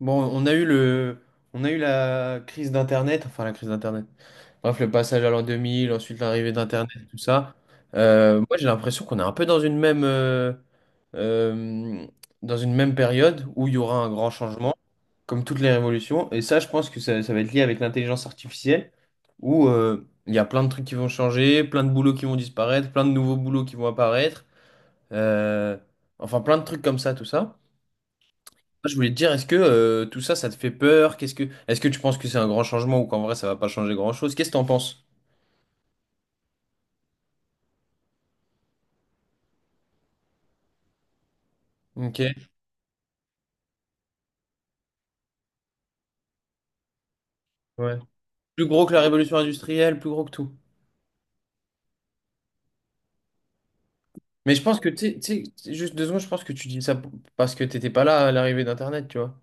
Bon, on a eu la crise d'Internet, enfin la crise d'Internet. Bref, le passage à l'an 2000, ensuite l'arrivée d'Internet, tout ça. Moi, j'ai l'impression qu'on est un peu euh, dans une même période où il y aura un grand changement, comme toutes les révolutions. Et ça, je pense que ça va être lié avec l'intelligence artificielle, où il y a plein de trucs qui vont changer, plein de boulots qui vont disparaître, plein de nouveaux boulots qui vont apparaître. Euh, enfin, plein de trucs comme ça, tout ça. Je voulais te dire, est-ce que tout ça, ça te fait peur? Est-ce que tu penses que c'est un grand changement ou qu'en vrai, ça va pas changer grand-chose? Qu'est-ce que t'en penses? Ok. Ouais. Plus gros que la révolution industrielle, plus gros que tout. Mais je pense que, tu sais, juste 2 secondes, je pense que tu dis ça parce que t'étais pas là à l'arrivée d'Internet, tu vois.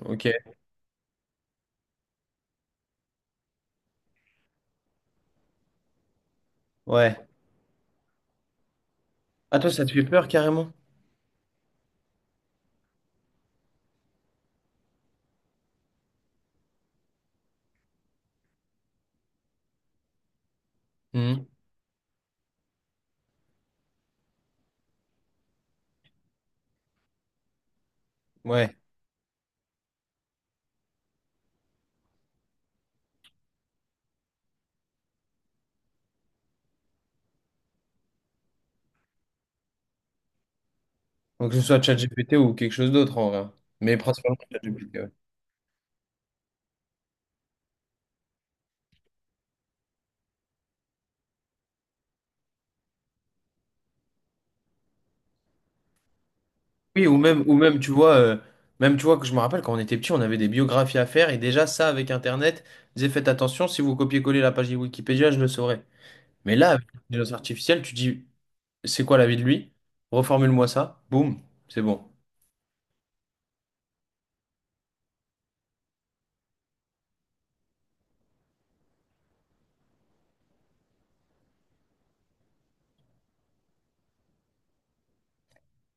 Ok. Ouais. Ah, toi, ça te fait peur carrément? Mhm. Ouais. Donc, que ce soit ChatGPT ou quelque chose d'autre en vrai. Mais principalement ChatGPT. Oui, ou même, tu vois, même, tu vois, que je me rappelle quand on était petit, on avait des biographies à faire, et déjà, ça, avec Internet, disait, faites attention, si vous copiez-collez la page de Wikipédia, je le saurais. Mais là, avec l'intelligence artificielle, tu dis, c'est quoi la vie de lui? Reformule-moi ça, boum, c'est bon.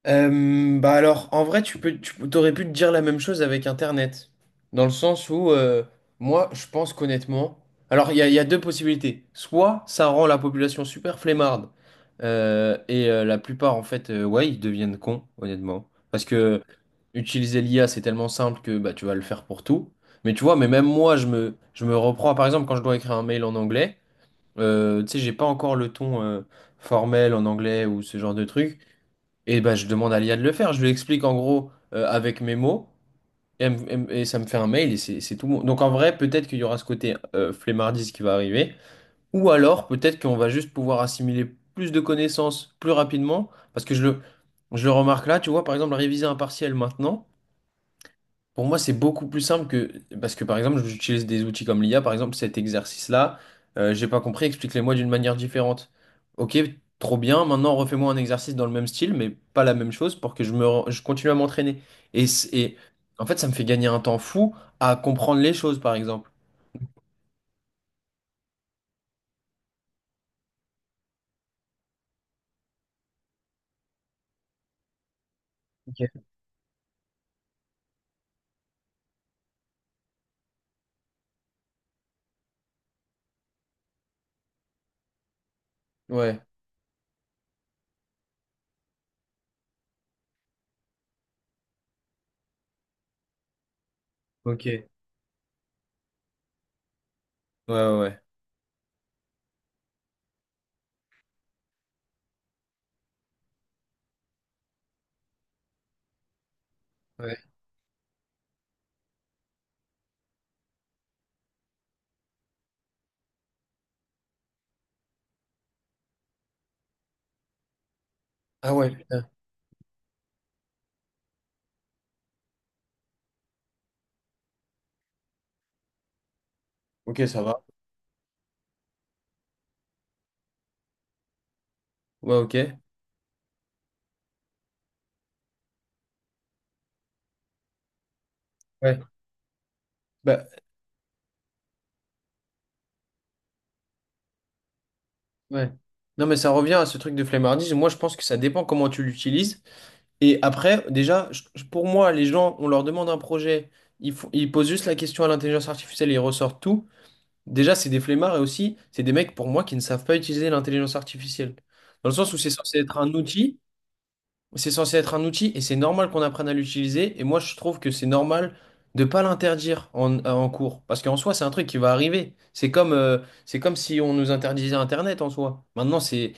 Bah alors, en vrai, tu t'aurais pu te dire la même chose avec Internet. Dans le sens où, moi, je pense qu'honnêtement, alors il y a deux possibilités. Soit ça rend la population super flemmarde, et la plupart, en fait, ouais, ils deviennent cons, honnêtement. Parce que utiliser l'IA, c'est tellement simple que bah, tu vas le faire pour tout. Mais tu vois, mais même moi, je me reprends, par exemple, quand je dois écrire un mail en anglais. Tu sais, j'ai pas encore le ton formel en anglais ou ce genre de truc. Et bah, je demande à l'IA de le faire. Je lui explique en gros avec mes mots. Et, et ça me fait un mail et c'est tout bon. Donc en vrai, peut-être qu'il y aura ce côté flemmardise qui va arriver. Ou alors, peut-être qu'on va juste pouvoir assimiler plus de connaissances plus rapidement. Parce que je le remarque là, tu vois, par exemple, réviser un partiel maintenant. Pour moi, c'est beaucoup plus simple que... Parce que, par exemple, j'utilise des outils comme l'IA. Par exemple, cet exercice-là, j'ai pas compris, explique-le-moi d'une manière différente. Ok, trop bien. Maintenant, refais-moi un exercice dans le même style, mais pas la même chose pour que je continue à m'entraîner. Et en fait, ça me fait gagner un temps fou à comprendre les choses, par exemple. Ok. Ouais, ok. Ouais, ouais. Ouais. Ouais. Ah ouais, putain. Ok, ça va. Ouais, ok. Ouais. Bah, ouais. Non, mais ça revient à ce truc de flemmardise. Moi, je pense que ça dépend comment tu l'utilises. Et après, déjà, pour moi, les gens, on leur demande un projet, ils posent juste la question à l'intelligence artificielle et ils ressortent tout. Déjà, c'est des flemmards et aussi, c'est des mecs, pour moi, qui ne savent pas utiliser l'intelligence artificielle. Dans le sens où c'est censé être un outil et c'est normal qu'on apprenne à l'utiliser. Et moi, je trouve que c'est normal de pas l'interdire en cours. Parce qu'en soi, c'est un truc qui va arriver. C'est comme si on nous interdisait Internet en soi. Maintenant, c'est,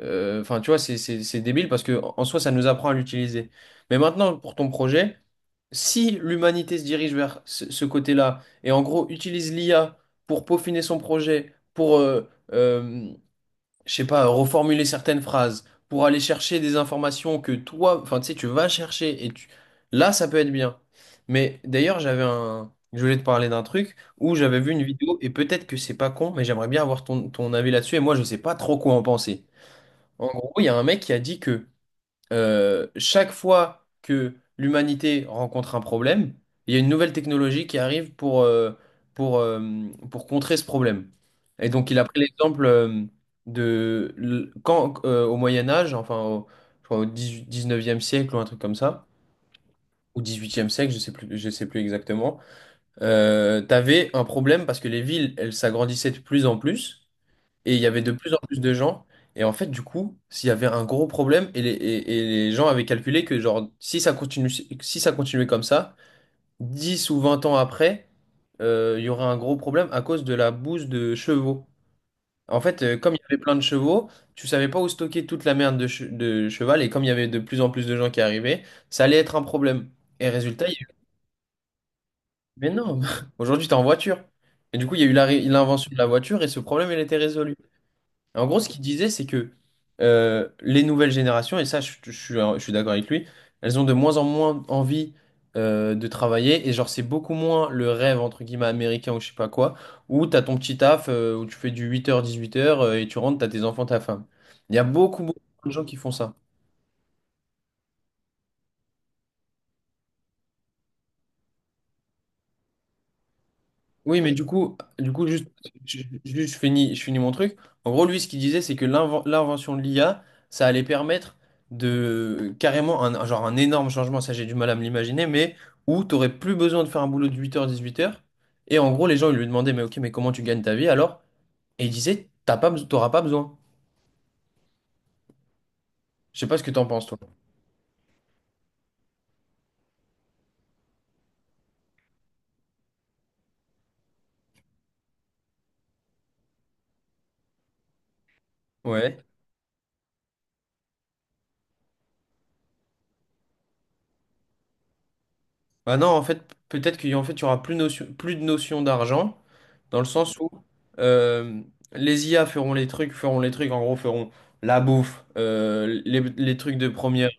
enfin, tu vois, c'est débile parce que en soi, ça nous apprend à l'utiliser. Mais maintenant, pour ton projet, si l'humanité se dirige vers ce côté-là et en gros utilise l'IA pour peaufiner son projet, pour je sais pas, reformuler certaines phrases pour aller chercher des informations que toi, enfin, tu sais, tu vas chercher et tu... là, ça peut être bien. Mais d'ailleurs, j'avais un... Je voulais te parler d'un truc où j'avais vu une vidéo et peut-être que c'est pas con, mais j'aimerais bien avoir ton avis là-dessus et moi, je sais pas trop quoi en penser. En gros, il y a un mec qui a dit que chaque fois que l'humanité rencontre un problème, il y a une nouvelle technologie qui arrive pour, euh, pour contrer ce problème. Et donc, il a pris l'exemple de quand au Moyen Âge, enfin au, je crois au 18 19e siècle ou un truc comme ça, ou dix-huitième siècle, je sais plus exactement, tu avais un problème parce que les villes, elles s'agrandissaient de plus en plus. Et il y avait de plus en plus de gens. Et en fait, du coup, s'il y avait un gros problème, et les gens avaient calculé que genre, si ça continue, si ça continuait comme ça, 10 ou 20 ans après, il y aurait un gros problème à cause de la bouse de chevaux. En fait, comme il y avait plein de chevaux, tu savais pas où stocker toute la merde de cheval, et comme il y avait de plus en plus de gens qui arrivaient, ça allait être un problème. Et résultat, il y a eu... Mais non, aujourd'hui, t'es en voiture. Et du coup, il y a eu l'invention de la voiture, et ce problème, il était résolu. En gros, ce qu'il disait, c'est que les nouvelles générations, et ça, je suis d'accord avec lui, elles ont de moins en moins envie de travailler. Et genre, c'est beaucoup moins le rêve, entre guillemets, américain ou je sais pas quoi, où t'as ton petit taf, où tu fais du 8h-18h et tu rentres, t'as tes enfants, ta femme. Il y a beaucoup, beaucoup de gens qui font ça. Oui, mais du coup, juste, je finis mon truc. En gros, lui, ce qu'il disait, c'est que l'invention de l'IA, ça allait permettre de carrément genre un énorme changement, ça j'ai du mal à me l'imaginer, mais où tu n'aurais plus besoin de faire un boulot de 8h, 18h. Et en gros, les gens, ils lui demandaient, mais ok, mais comment tu gagnes ta vie alors? Et il disait, t'auras pas besoin. Je sais pas ce que t'en penses, toi. Ouais. Bah non, en fait, peut-être qu'il y en fait, il y aura plus de notion d'argent, dans le sens où euh, les IA feront les trucs, en gros, feront la bouffe, les trucs de première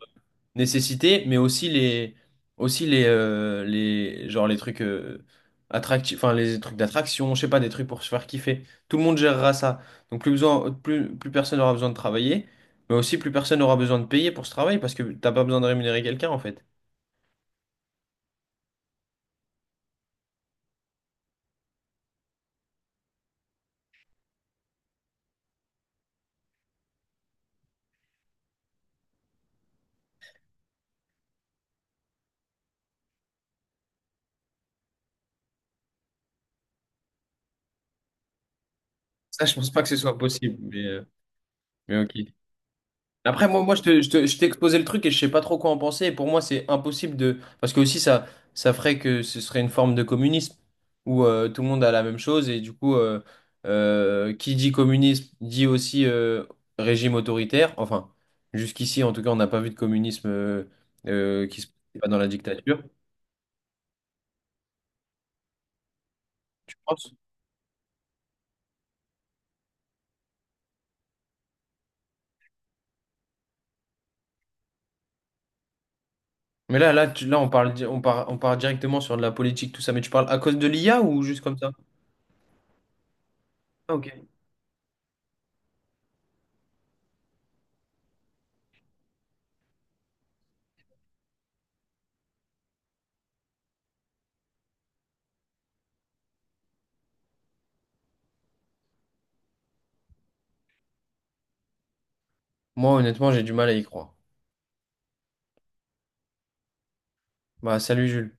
nécessité, mais aussi genre les trucs attractifs, enfin les trucs d'attraction, je sais pas, des trucs pour se faire kiffer. Tout le monde gérera ça. Donc plus besoin, plus, plus personne n'aura besoin de travailler, mais aussi plus personne n'aura besoin de payer pour ce travail, parce que t'as pas besoin de rémunérer quelqu'un, en fait. Ça, je pense pas que ce soit possible, mais... Mais ok. Après, moi, moi je te, je te- je t'ai exposé le truc et je sais pas trop quoi en penser. Et pour moi, c'est impossible de. Parce que aussi, ça ferait que ce serait une forme de communisme où tout le monde a la même chose. Et du coup, qui dit communisme dit aussi régime autoritaire. Enfin, jusqu'ici, en tout cas, on n'a pas vu de communisme qui se passe pas dans la dictature, je pense. Mais là on parle, on part directement sur de la politique, tout ça. Mais tu parles à cause de l'IA ou juste comme ça? Ah, ok. Moi, honnêtement, j'ai du mal à y croire. Bah, salut, Jules.